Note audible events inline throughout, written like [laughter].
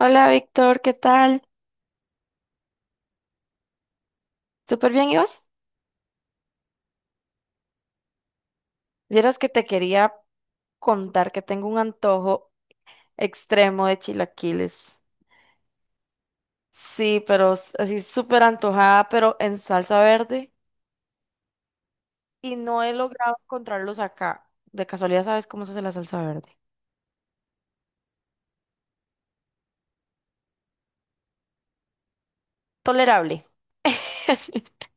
Hola Víctor, ¿qué tal? ¿Súper bien, ¿y vos? Vieras que te quería contar que tengo un antojo extremo de chilaquiles. Sí, pero así súper antojada, pero en salsa verde. Y no he logrado encontrarlos acá. De casualidad, ¿sabes cómo se hace la salsa verde? Tolerable. [laughs]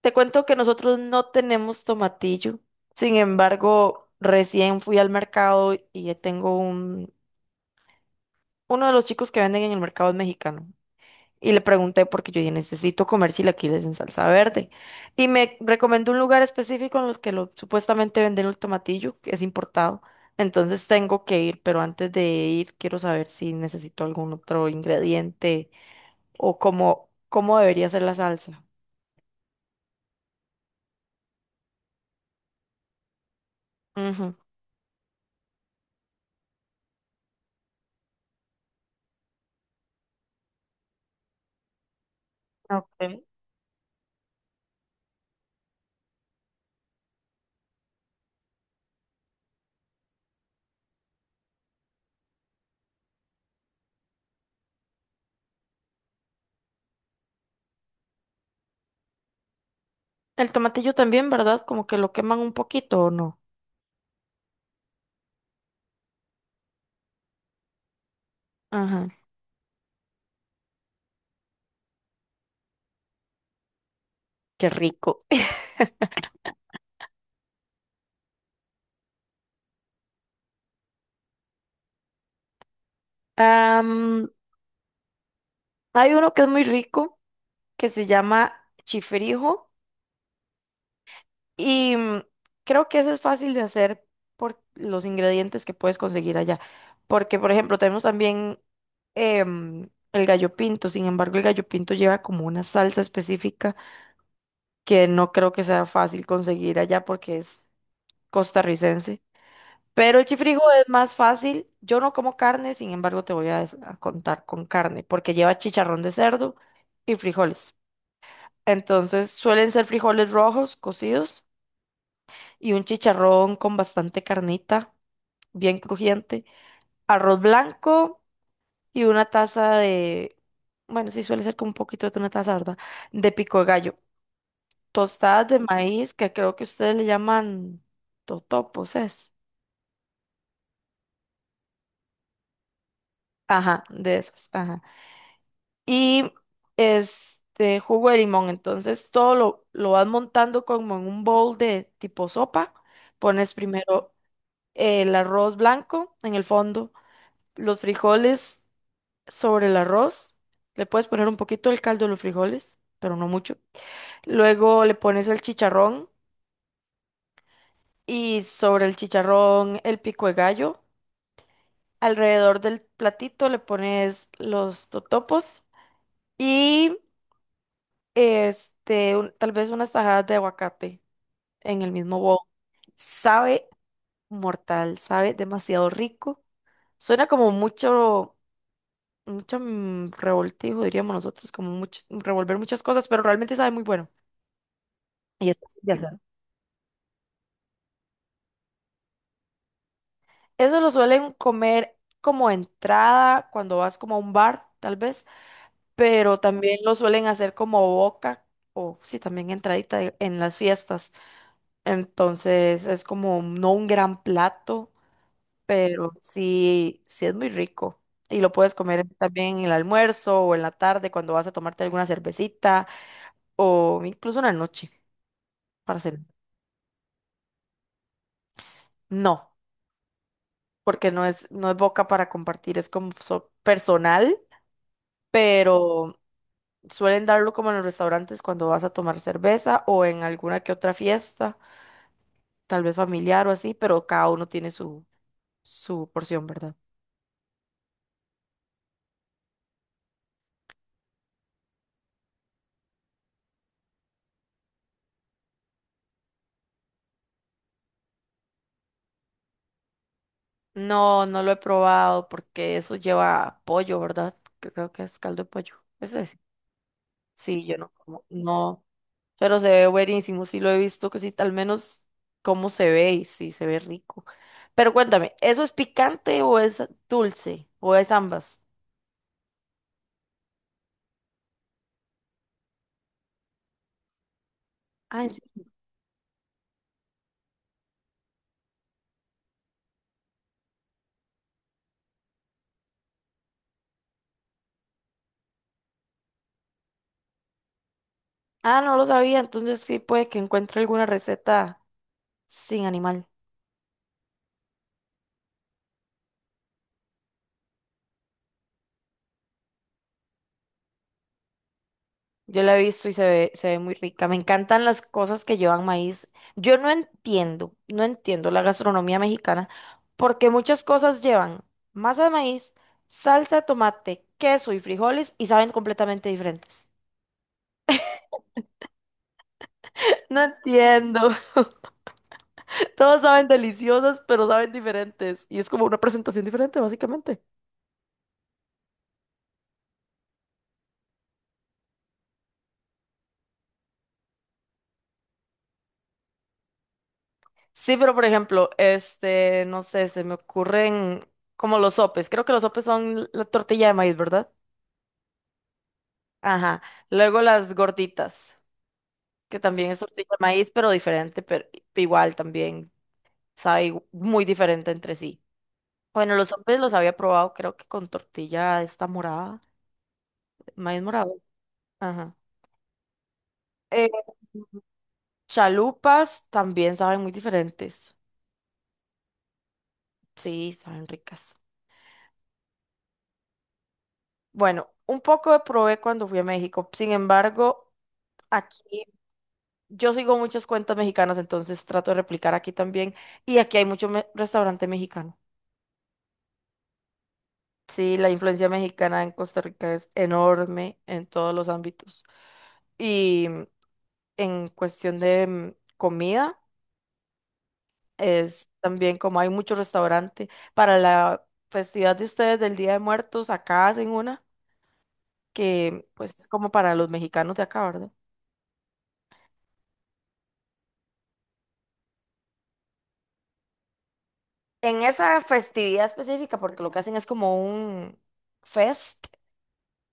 Te cuento que nosotros no tenemos tomatillo. Sin embargo, recién fui al mercado y tengo un... Uno de los chicos que venden en el mercado es mexicano. Y le pregunté porque yo dije, necesito comer chilaquiles en salsa verde. Y me recomendó un lugar específico en el que lo, supuestamente venden el tomatillo, que es importado. Entonces tengo que ir, pero antes de ir quiero saber si necesito algún otro ingrediente o cómo debería ser la salsa. Ujú. Ok. El tomatillo también, ¿verdad? Como que lo queman un poquito o no. Ajá, qué rico. [laughs] Am, hay uno que es muy rico, que se llama chifrijo. Y creo que eso es fácil de hacer por los ingredientes que puedes conseguir allá. Porque, por ejemplo, tenemos también el gallo pinto. Sin embargo, el gallo pinto lleva como una salsa específica que no creo que sea fácil conseguir allá porque es costarricense. Pero el chifrijo es más fácil. Yo no como carne, sin embargo, te voy a, a contar con carne porque lleva chicharrón de cerdo y frijoles. Entonces, suelen ser frijoles rojos cocidos y un chicharrón con bastante carnita, bien crujiente, arroz blanco y una taza de, bueno, sí suele ser como un poquito de una taza, ¿verdad? De pico de gallo, tostadas de maíz, que creo que ustedes le llaman totopos, es. Ajá, de esas, ajá. Y este jugo de limón, entonces todo lo vas montando como en un bowl de tipo sopa, pones primero el arroz blanco en el fondo, los frijoles sobre el arroz. Le puedes poner un poquito del caldo de los frijoles, pero no mucho. Luego le pones el chicharrón y sobre el chicharrón el pico de gallo. Alrededor del platito le pones los totopos y este, tal vez unas tajadas de aguacate en el mismo bowl. Sabe mortal, sabe demasiado rico. Suena como mucho, mucho revoltijo, diríamos nosotros, como mucho, revolver muchas cosas, pero realmente sabe muy bueno. Y es fácil de hacer. Eso lo suelen comer como entrada cuando vas como a un bar, tal vez, pero también lo suelen hacer como boca o sí, también en las fiestas. Entonces es como no un gran plato, pero sí, sí es muy rico. Y lo puedes comer también en el almuerzo o en la tarde cuando vas a tomarte alguna cervecita o incluso una noche para hacer. No, porque no es, no es boca para compartir, es como personal, pero suelen darlo como en los restaurantes cuando vas a tomar cerveza o en alguna que otra fiesta, tal vez familiar o así, pero cada uno tiene su, su porción, ¿verdad? No, no lo he probado porque eso lleva pollo, ¿verdad? Creo que es caldo de pollo. ¿Es ¿Ese sí? Sí, yo no como, no, pero se ve buenísimo, sí lo he visto, que sí, al menos cómo se ve y sí, se ve rico. Pero cuéntame, ¿eso es picante o es dulce? ¿O es ambas? Ah, ¿en Ah, no lo sabía, entonces sí puede que encuentre alguna receta sin animal. Yo la he visto y se ve muy rica. Me encantan las cosas que llevan maíz. Yo no entiendo, no entiendo la gastronomía mexicana porque muchas cosas llevan masa de maíz, salsa de tomate, queso y frijoles y saben completamente diferentes. [laughs] No entiendo. [laughs] Todos saben deliciosas, pero saben diferentes. Y es como una presentación diferente, básicamente. Sí, pero por ejemplo, este, no sé, se me ocurren como los sopes. Creo que los sopes son la tortilla de maíz, ¿verdad? Ajá. Luego las gorditas, que también es tortilla de maíz, pero diferente, pero igual también muy diferente entre sí. Bueno, los sopes los había probado, creo que con tortilla esta morada, maíz morado. Ajá. Eh, chalupas también saben muy diferentes. Sí, saben ricas. Bueno, un poco probé cuando fui a México. Sin embargo, aquí yo sigo muchas cuentas mexicanas, entonces trato de replicar aquí también. Y aquí hay restaurante mexicano. Sí, la influencia mexicana en Costa Rica es enorme en todos los ámbitos. Y en cuestión de comida, es también como hay mucho restaurante. Para la festividad de ustedes del Día de Muertos, acá hacen una que pues es como para los mexicanos de acá, ¿verdad? En esa festividad específica, porque lo que hacen es como un fest.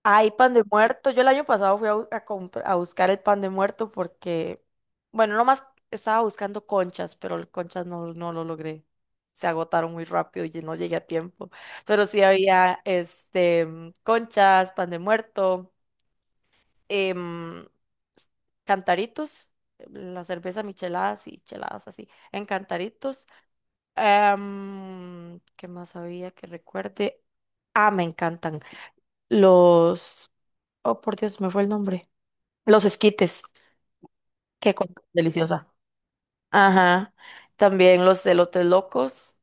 Hay pan de muerto. Yo el año pasado fui a, a buscar el pan de muerto porque, bueno, nomás estaba buscando conchas, pero el conchas no, no lo logré. Se agotaron muy rápido y no llegué a tiempo. Pero sí había este conchas, pan de muerto, em, s- cantaritos, la cerveza micheladas y cheladas así, en cantaritos. ¿Qué más había que recuerde? Ah, me encantan. Los... Oh, por Dios, me fue el nombre. Los esquites, qué cosa tan deliciosa. Ajá. También los elotes locos,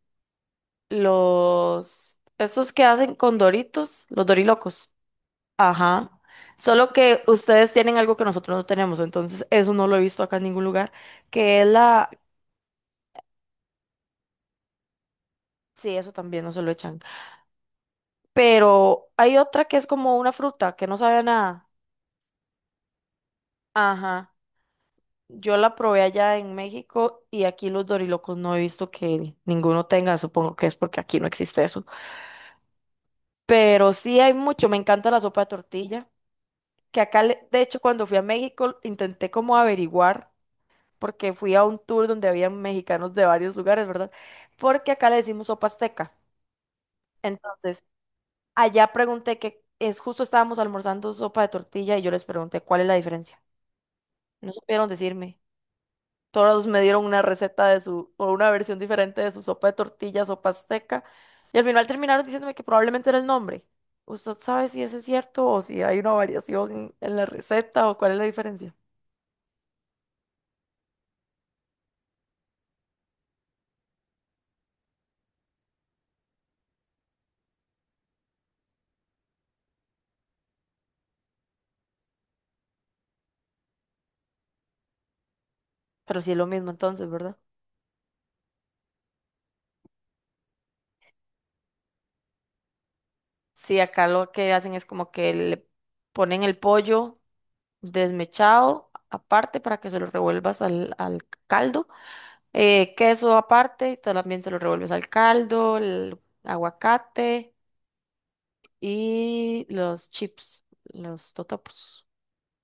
los estos que hacen con Doritos, los dorilocos. Ajá. Solo que ustedes tienen algo que nosotros no tenemos, entonces eso no lo he visto acá en ningún lugar, que es la... Sí, eso también no se lo echan. Pero hay otra que es como una fruta que no sabe a nada. Ajá. Yo la probé allá en México y aquí los dorilocos no he visto que ninguno tenga, supongo que es porque aquí no existe eso. Pero sí hay mucho, me encanta la sopa de tortilla, que acá, de hecho, cuando fui a México, intenté como averiguar, porque fui a un tour donde había mexicanos de varios lugares, ¿verdad? Porque acá le decimos sopa azteca. Entonces, allá pregunté que es justo estábamos almorzando sopa de tortilla y yo les pregunté cuál es la diferencia. No supieron decirme. Todos me dieron una receta de su, o una versión diferente de su sopa de tortillas sopa azteca. Y al final terminaron diciéndome que probablemente era el nombre. ¿Usted sabe si eso es cierto o si hay una variación en la receta o cuál es la diferencia? Pero sí es lo mismo entonces, ¿verdad? Sí, acá lo que hacen es como que le ponen el pollo desmechado aparte para que se lo revuelvas al caldo. Eh, queso aparte, y también se lo revuelves al caldo, el aguacate. Y los chips, los totopos.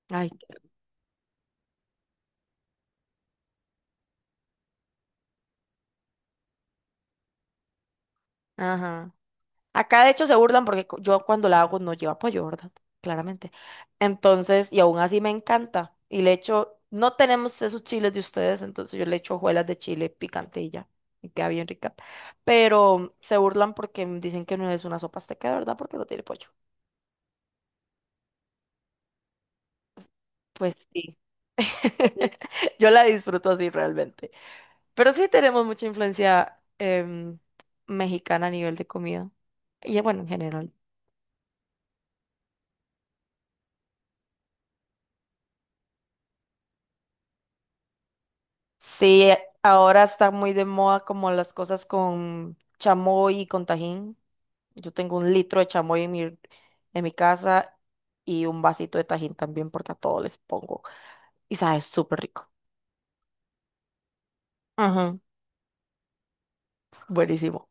Ay, ajá. Acá de hecho se burlan porque yo cuando la hago no lleva pollo, ¿verdad? Claramente. Entonces, y aún así me encanta. Y le echo, no tenemos esos chiles de ustedes, entonces yo le echo hojuelas de chile picante y ya. Y queda bien rica. Pero se burlan porque dicen que no es una sopa azteca, de ¿verdad? Porque no tiene pollo. Pues sí. [laughs] Yo la disfruto así realmente. Pero sí tenemos mucha influencia mexicana a nivel de comida. Y bueno, en general. Sí, ahora está muy de moda como las cosas con chamoy y con tajín. Yo tengo un litro de chamoy en en mi casa y un vasito de tajín también porque a todos les pongo. Y sabe súper rico. Ajá, buenísimo.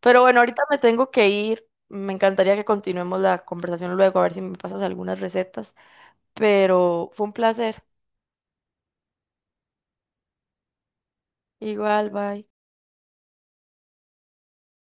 Pero bueno, ahorita me tengo que ir. Me encantaría que continuemos la conversación luego, a ver si me pasas algunas recetas. Pero fue un placer. Igual, bye.